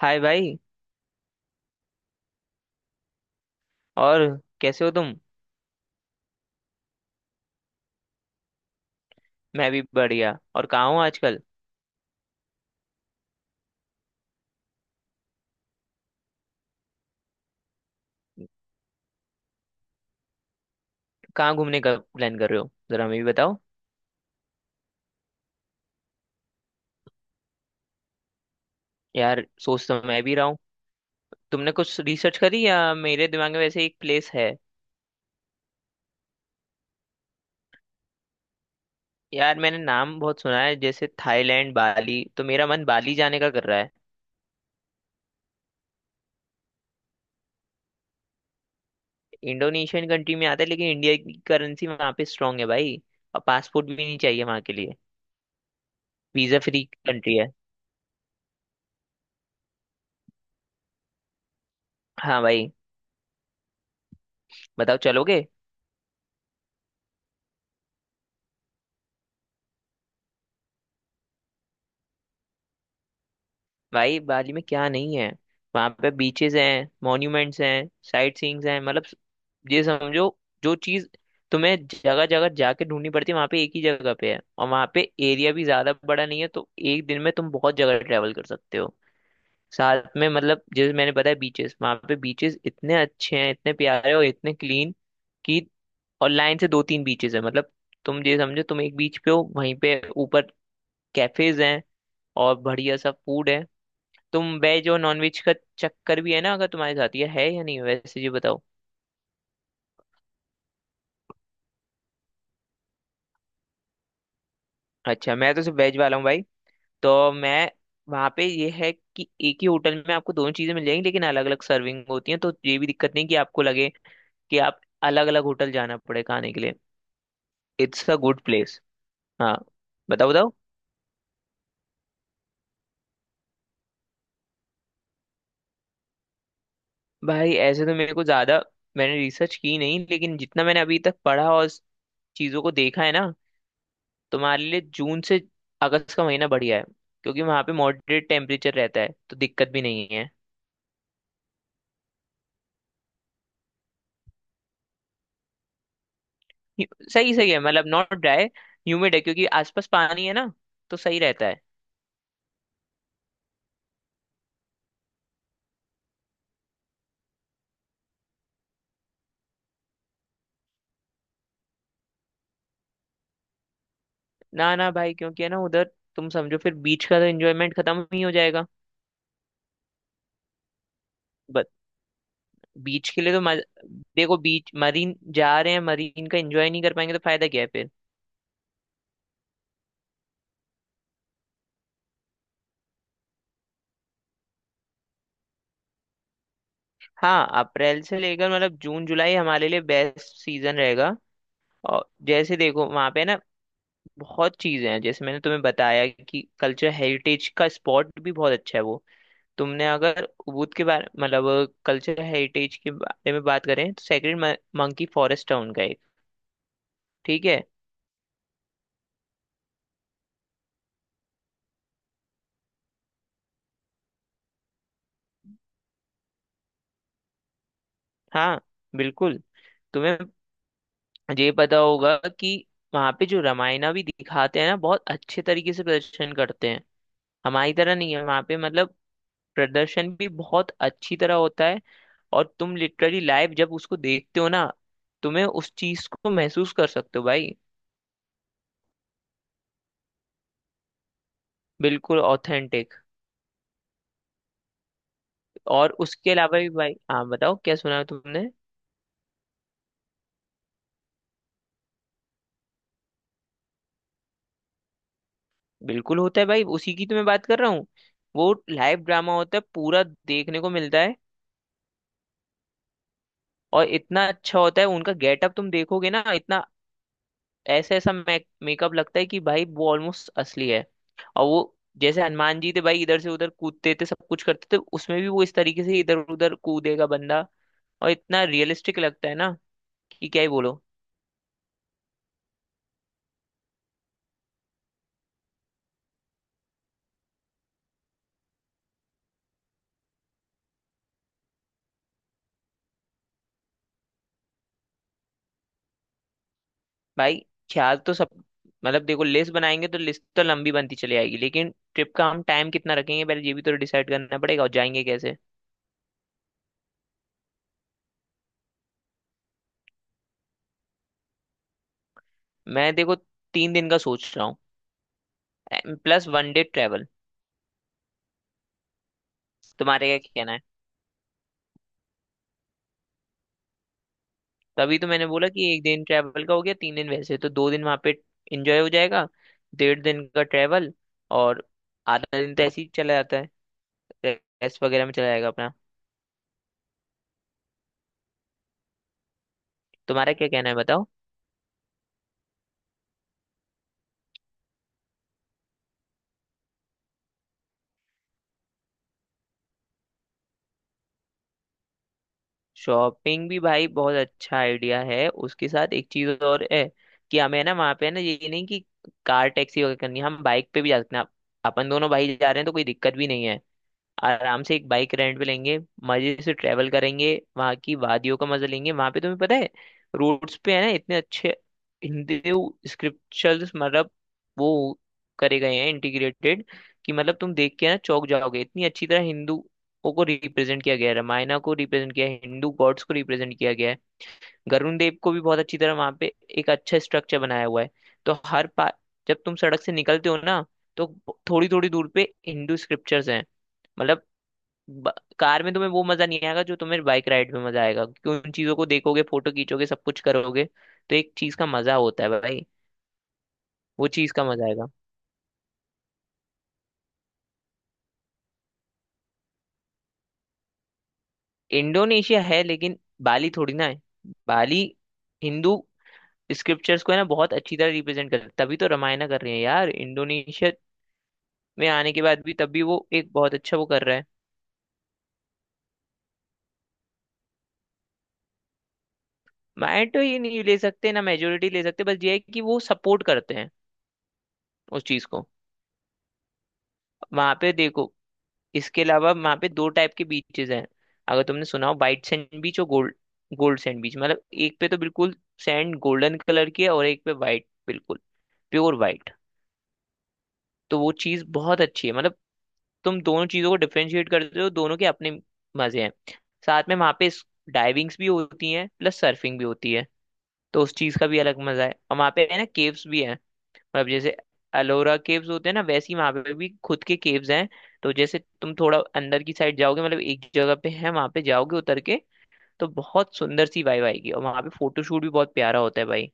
हाय भाई। और कैसे हो तुम? मैं भी बढ़िया। और कहाँ हो आजकल? कहाँ घूमने का प्लान कर रहे हो, जरा हमें भी बताओ। यार सोच तो मैं भी रहा हूँ। तुमने कुछ रिसर्च करी? या मेरे दिमाग में वैसे एक प्लेस है। यार मैंने नाम बहुत सुना है, जैसे थाईलैंड, बाली। तो मेरा मन बाली जाने का कर रहा है। इंडोनेशियन कंट्री में आता है, लेकिन इंडिया की करेंसी वहाँ पे स्ट्रांग है भाई। और पासपोर्ट भी नहीं चाहिए वहाँ के लिए। वीजा फ्री कंट्री है। हाँ भाई। बताओ, चलोगे? भाई बाली में क्या नहीं है। वहां पे बीचेस हैं, मॉन्यूमेंट्स हैं, साइट सीइंग्स हैं। मतलब ये समझो, जो चीज तुम्हें जगह जगह जाके ढूंढनी पड़ती है, वहां पे एक ही जगह पे है। और वहां पे एरिया भी ज्यादा बड़ा नहीं है, तो एक दिन में तुम बहुत जगह ट्रेवल कर सकते हो। साथ में मतलब, जैसे मैंने बताया बीचेस, वहां पे बीचेस इतने अच्छे हैं, इतने प्यारे और इतने क्लीन कि, और लाइन से दो तीन बीचेस है। मतलब तुम ये समझो, तुम एक बीच पे हो, वहीं पे ऊपर कैफेज हैं और बढ़िया सा फूड है। तुम वेज और नॉन वेज का चक्कर भी है ना, अगर तुम्हारे साथ ये है या नहीं, वैसे ये बताओ। अच्छा मैं तो सिर्फ वेज वाला हूँ भाई। तो मैं, वहाँ पे ये है कि एक ही होटल में आपको दोनों चीजें मिल जाएंगी, लेकिन अलग अलग सर्विंग होती है। तो ये भी दिक्कत नहीं कि आपको लगे कि आप अलग अलग होटल जाना पड़े खाने के लिए। It's a good place. हाँ, बताओ बताओ। भाई ऐसे तो मेरे को ज्यादा, मैंने रिसर्च की नहीं, लेकिन जितना मैंने अभी तक पढ़ा और चीजों को देखा है ना, तुम्हारे लिए जून से अगस्त का महीना बढ़िया है, क्योंकि वहां पे मॉडरेट टेम्परेचर रहता है, तो दिक्कत भी नहीं है। सही सही है। मतलब नॉट ड्राई, ह्यूमिड है, क्योंकि आसपास पानी है ना, तो सही रहता है। ना ना भाई, क्योंकि है ना उधर, तुम समझो फिर बीच का तो एंजॉयमेंट खत्म ही हो जाएगा। बट बीच के लिए तो देखो, बीच मरीन जा रहे हैं, मरीन का एंजॉय नहीं कर पाएंगे, तो फायदा क्या है फिर। हाँ, अप्रैल से लेकर मतलब जून जुलाई हमारे लिए बेस्ट सीजन रहेगा। और जैसे देखो वहां पे ना, बहुत चीजें हैं। जैसे मैंने तुम्हें बताया कि कल्चर हेरिटेज का स्पॉट भी बहुत अच्छा है वो। तुमने अगर उबुद के बारे, मतलब कल्चर हेरिटेज के बारे में बात करें, तो सेक्रेड मंकी फॉरेस्ट टाउन का एक, ठीक है। हाँ, बिल्कुल। तुम्हें ये पता होगा कि वहाँ पे जो रामायणा भी दिखाते हैं ना, बहुत अच्छे तरीके से प्रदर्शन करते हैं। हमारी तरह नहीं है वहाँ पे, मतलब प्रदर्शन भी बहुत अच्छी तरह होता है। और तुम लिटरली लाइव जब उसको देखते हो ना, तुम्हें उस चीज को महसूस कर सकते हो भाई। बिल्कुल ऑथेंटिक। और उसके अलावा भी भाई, हाँ बताओ क्या सुना है तुमने। बिल्कुल होता है भाई, उसी की तो मैं बात कर रहा हूँ। वो लाइव ड्रामा होता है, पूरा देखने को मिलता है। और इतना अच्छा होता है उनका गेटअप, तुम देखोगे ना, इतना ऐसा ऐसा मेकअप लगता है कि भाई वो ऑलमोस्ट असली है। और वो जैसे हनुमान जी थे भाई, इधर से उधर कूदते थे, सब कुछ करते थे, उसमें भी वो इस तरीके से इधर उधर कूदेगा बंदा। और इतना रियलिस्टिक लगता है ना, कि क्या ही बोलो। भाई ख्याल तो सब, मतलब देखो, लिस्ट बनाएंगे तो लिस्ट तो लंबी बनती चली आएगी, लेकिन ट्रिप का हम टाइम कितना रखेंगे पहले ये भी तो डिसाइड करना पड़ेगा, और जाएंगे कैसे। मैं देखो 3 दिन का सोच रहा हूँ, प्लस 1 डे ट्रेवल। तुम्हारे क्या कहना है? तभी तो मैंने बोला कि 1 दिन ट्रैवल का हो गया, 3 दिन वैसे, तो 2 दिन वहां पे एंजॉय हो जाएगा। 1.5 दिन का ट्रैवल और आधा दिन तो ऐसे ही चला जाता है, रेस्ट वगैरह में चला जाएगा अपना। तुम्हारा क्या कहना है बताओ। शॉपिंग भी भाई बहुत अच्छा आइडिया है। उसके साथ एक चीज और है कि हमें ना वहाँ पे ना, ये नहीं कि कार टैक्सी वगैरह करनी है, हम बाइक पे भी जा सकते हैं। अपन दोनों भाई जा रहे हैं, तो कोई दिक्कत भी नहीं है। आराम से एक बाइक रेंट पे लेंगे, मजे से ट्रेवल करेंगे, वहाँ की वादियों का मजा लेंगे। वहाँ पे तुम्हें पता है, रोड्स पे है ना इतने अच्छे हिंदू स्क्रिप्चर्स, मतलब वो करे गए हैं इंटीग्रेटेड, कि मतलब तुम देख के ना चौंक जाओगे। इतनी अच्छी तरह हिंदुओं को रिप्रेजेंट किया गया है, रामायणा को रिप्रेजेंट किया है, हिंदू गॉड्स को रिप्रेजेंट किया गया है। वरुण देव को भी बहुत अच्छी तरह वहाँ पे एक अच्छा स्ट्रक्चर बनाया हुआ है। तो हर पा जब तुम सड़क से निकलते हो ना, तो थोड़ी थोड़ी दूर पे हिंदू स्क्रिप्चर्स हैं। मतलब ब- कार में तुम्हें वो मजा नहीं आएगा जो तुम्हें बाइक राइड में मजा आएगा, क्योंकि उन चीजों को देखोगे, फोटो खींचोगे, सब कुछ करोगे, तो एक चीज का मजा होता है भाई, वो चीज का मजा आएगा। इंडोनेशिया है, लेकिन बाली थोड़ी ना है। बाली हिंदू स्क्रिप्चर्स को है ना बहुत अच्छी तरह रिप्रेजेंट कर, तभी तो रामायण कर रहे हैं यार। इंडोनेशिया में आने के बाद भी, तब भी वो एक बहुत अच्छा वो कर रहा है। माइंड तो ये नहीं ले सकते ना, मेजोरिटी ले सकते, बस ये है कि वो सपोर्ट करते हैं उस चीज को। वहां पे देखो, इसके अलावा वहाँ पे दो टाइप के बीचेस हैं। अगर तुमने सुना हो, वाइट सैंड बीच और गोल्ड, गोल्ड सैंड बीच। मतलब एक पे तो बिल्कुल सैंड गोल्डन कलर की है, और एक पे वाइट, बिल्कुल प्योर वाइट। तो वो चीज़ बहुत अच्छी है, मतलब तुम दोनों चीज़ों को डिफरेंशिएट करते हो, दोनों के अपने मज़े हैं। साथ में वहाँ पे डाइविंग्स भी होती हैं, प्लस सर्फिंग भी होती है, तो उस चीज़ का भी अलग मज़ा है। और वहाँ पे है ना, केव्स भी है। मतलब जैसे अलोरा केव्स होते हैं ना, वैसी वहां पे भी खुद के केव्स हैं। तो जैसे तुम थोड़ा अंदर की साइड जाओगे, मतलब एक जगह पे है, वहां पे जाओगे उतर के, तो बहुत सुंदर सी वाइब आएगी। और वहां पे फोटोशूट भी बहुत प्यारा होता है भाई।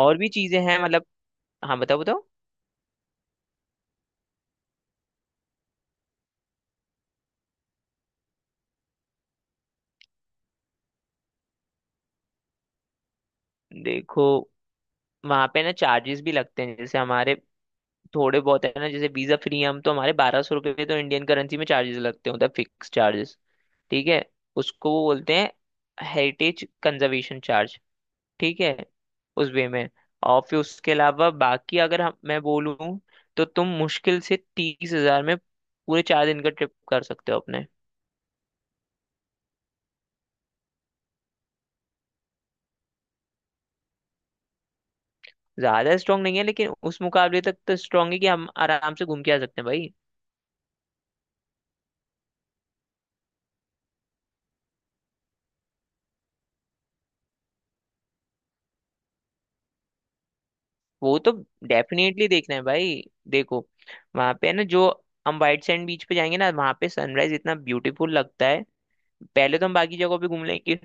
और भी चीजें हैं मतलब, हाँ बताओ बताओ। देखो वहां पे ना चार्जेस भी लगते हैं, जैसे हमारे थोड़े बहुत है ना, जैसे वीजा फ्री हम, तो हमारे 1200 रुपये तो इंडियन करेंसी में चार्जेस लगते होते हैं, मतलब फिक्स चार्जेस, ठीक है। उसको वो बोलते हैं हेरिटेज कंजर्वेशन चार्ज, ठीक है, उस वे में। और फिर उसके अलावा बाकी अगर हम, मैं बोलूँ, तो तुम मुश्किल से 30,000 में पूरे 4 दिन का ट्रिप कर सकते हो अपने। ज्यादा स्ट्रांग नहीं है, लेकिन उस मुकाबले तक तो स्ट्रांग है कि हम आराम से घूम के आ सकते हैं भाई। वो तो डेफिनेटली देखना है भाई। देखो, वहां पे है ना, जो हम व्हाइट सैंड बीच पे जाएंगे ना, वहां पे सनराइज इतना ब्यूटीफुल लगता है। पहले तो हम बाकी जगहों पे घूम लेंगे,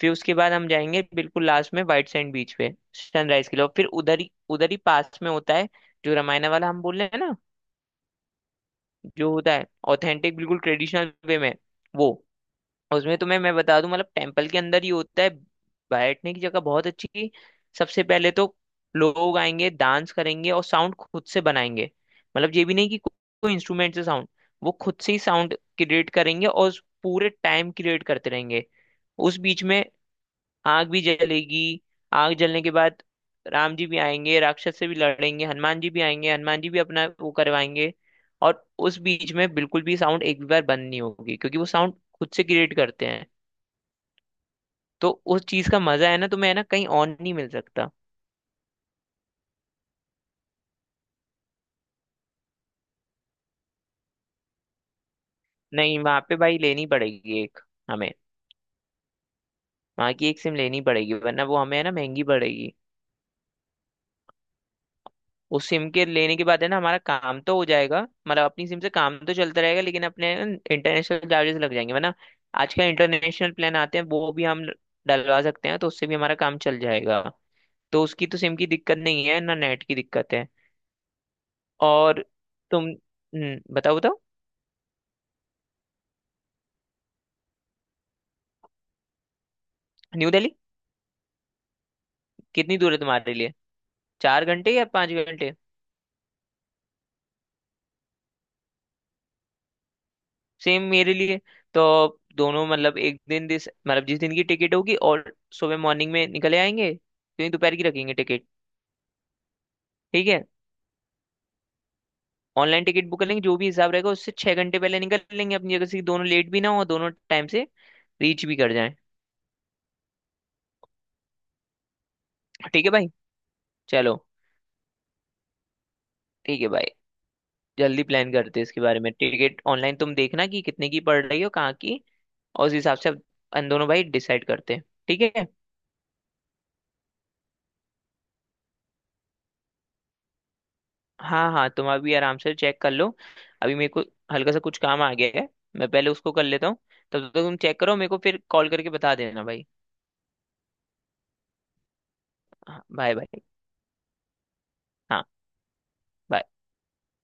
फिर उसके बाद हम जाएंगे बिल्कुल लास्ट में व्हाइट सैंड बीच पे सनराइज के लिए। और फिर उधर ही पास में होता है जो रामायणा वाला हम बोल रहे हैं ना, जो होता है ऑथेंटिक, बिल्कुल ट्रेडिशनल वे में। वो उसमें तुम्हें मैं बता दूं, मतलब टेम्पल के अंदर ही होता है, बैठने की जगह बहुत अच्छी। सबसे पहले तो लोग आएंगे, डांस करेंगे और साउंड खुद से बनाएंगे। मतलब ये भी नहीं कि को- कोई इंस्ट्रूमेंट से साउंड, वो खुद से ही साउंड क्रिएट करेंगे, और उस पूरे टाइम क्रिएट करते रहेंगे। उस बीच में आग भी जलेगी। आग जलने के बाद राम जी भी आएंगे, राक्षस से भी लड़ेंगे, हनुमान जी भी आएंगे, हनुमान जी भी अपना वो करवाएंगे। और उस बीच में बिल्कुल भी साउंड एक भी बार बंद नहीं होगी, क्योंकि वो साउंड खुद से क्रिएट करते हैं। तो उस चीज का मजा है ना, तुम्हें है ना कहीं और नहीं मिल सकता। नहीं वहां पे भाई, लेनी पड़ेगी एक, हमें वहां की एक सिम लेनी पड़ेगी, वरना वो हमें है ना महंगी पड़ेगी। उस सिम के लेने के बाद है ना, हमारा काम तो हो जाएगा। मतलब अपनी सिम से काम तो चलता रहेगा, लेकिन अपने इंटरनेशनल चार्जेस लग जाएंगे, वरना आजकल इंटरनेशनल प्लान आते हैं, वो भी हम डलवा सकते हैं, तो उससे भी हमारा काम चल जाएगा। तो उसकी तो सिम की दिक्कत नहीं है ना, नेट की दिक्कत है। और तुम बताओ बताओ। न्यू दिल्ली कितनी दूर है तुम्हारे लिए? 4 घंटे या 5 घंटे? सेम मेरे लिए। तो दोनों, मतलब एक दिन, दिस मतलब जिस दिन की टिकट होगी, और सुबह मॉर्निंग में निकले आएंगे, क्योंकि दोपहर की रखेंगे टिकट। ठीक है, ऑनलाइन टिकट बुक कर लेंगे। जो भी हिसाब रहेगा, उससे 6 घंटे पहले निकल लेंगे अपनी जगह से, कि दोनों लेट भी ना हो, दोनों टाइम से रीच भी कर जाएं। ठीक है भाई, चलो। ठीक है भाई, जल्दी प्लान करते हैं इसके बारे में। टिकट ऑनलाइन तुम देखना कि कितने की पड़ रही हो, कहाँ की, और उस हिसाब से अब हम दोनों भाई डिसाइड करते हैं, ठीक है। हाँ हाँ, तुम अभी आराम से चेक कर लो। अभी मेरे को हल्का सा कुछ काम आ गया है, मैं पहले उसको कर लेता हूँ, तब तक तुम चेक करो, मेरे को फिर कॉल करके बता देना भाई। हाँ, बाय बाय। हाँ, bye।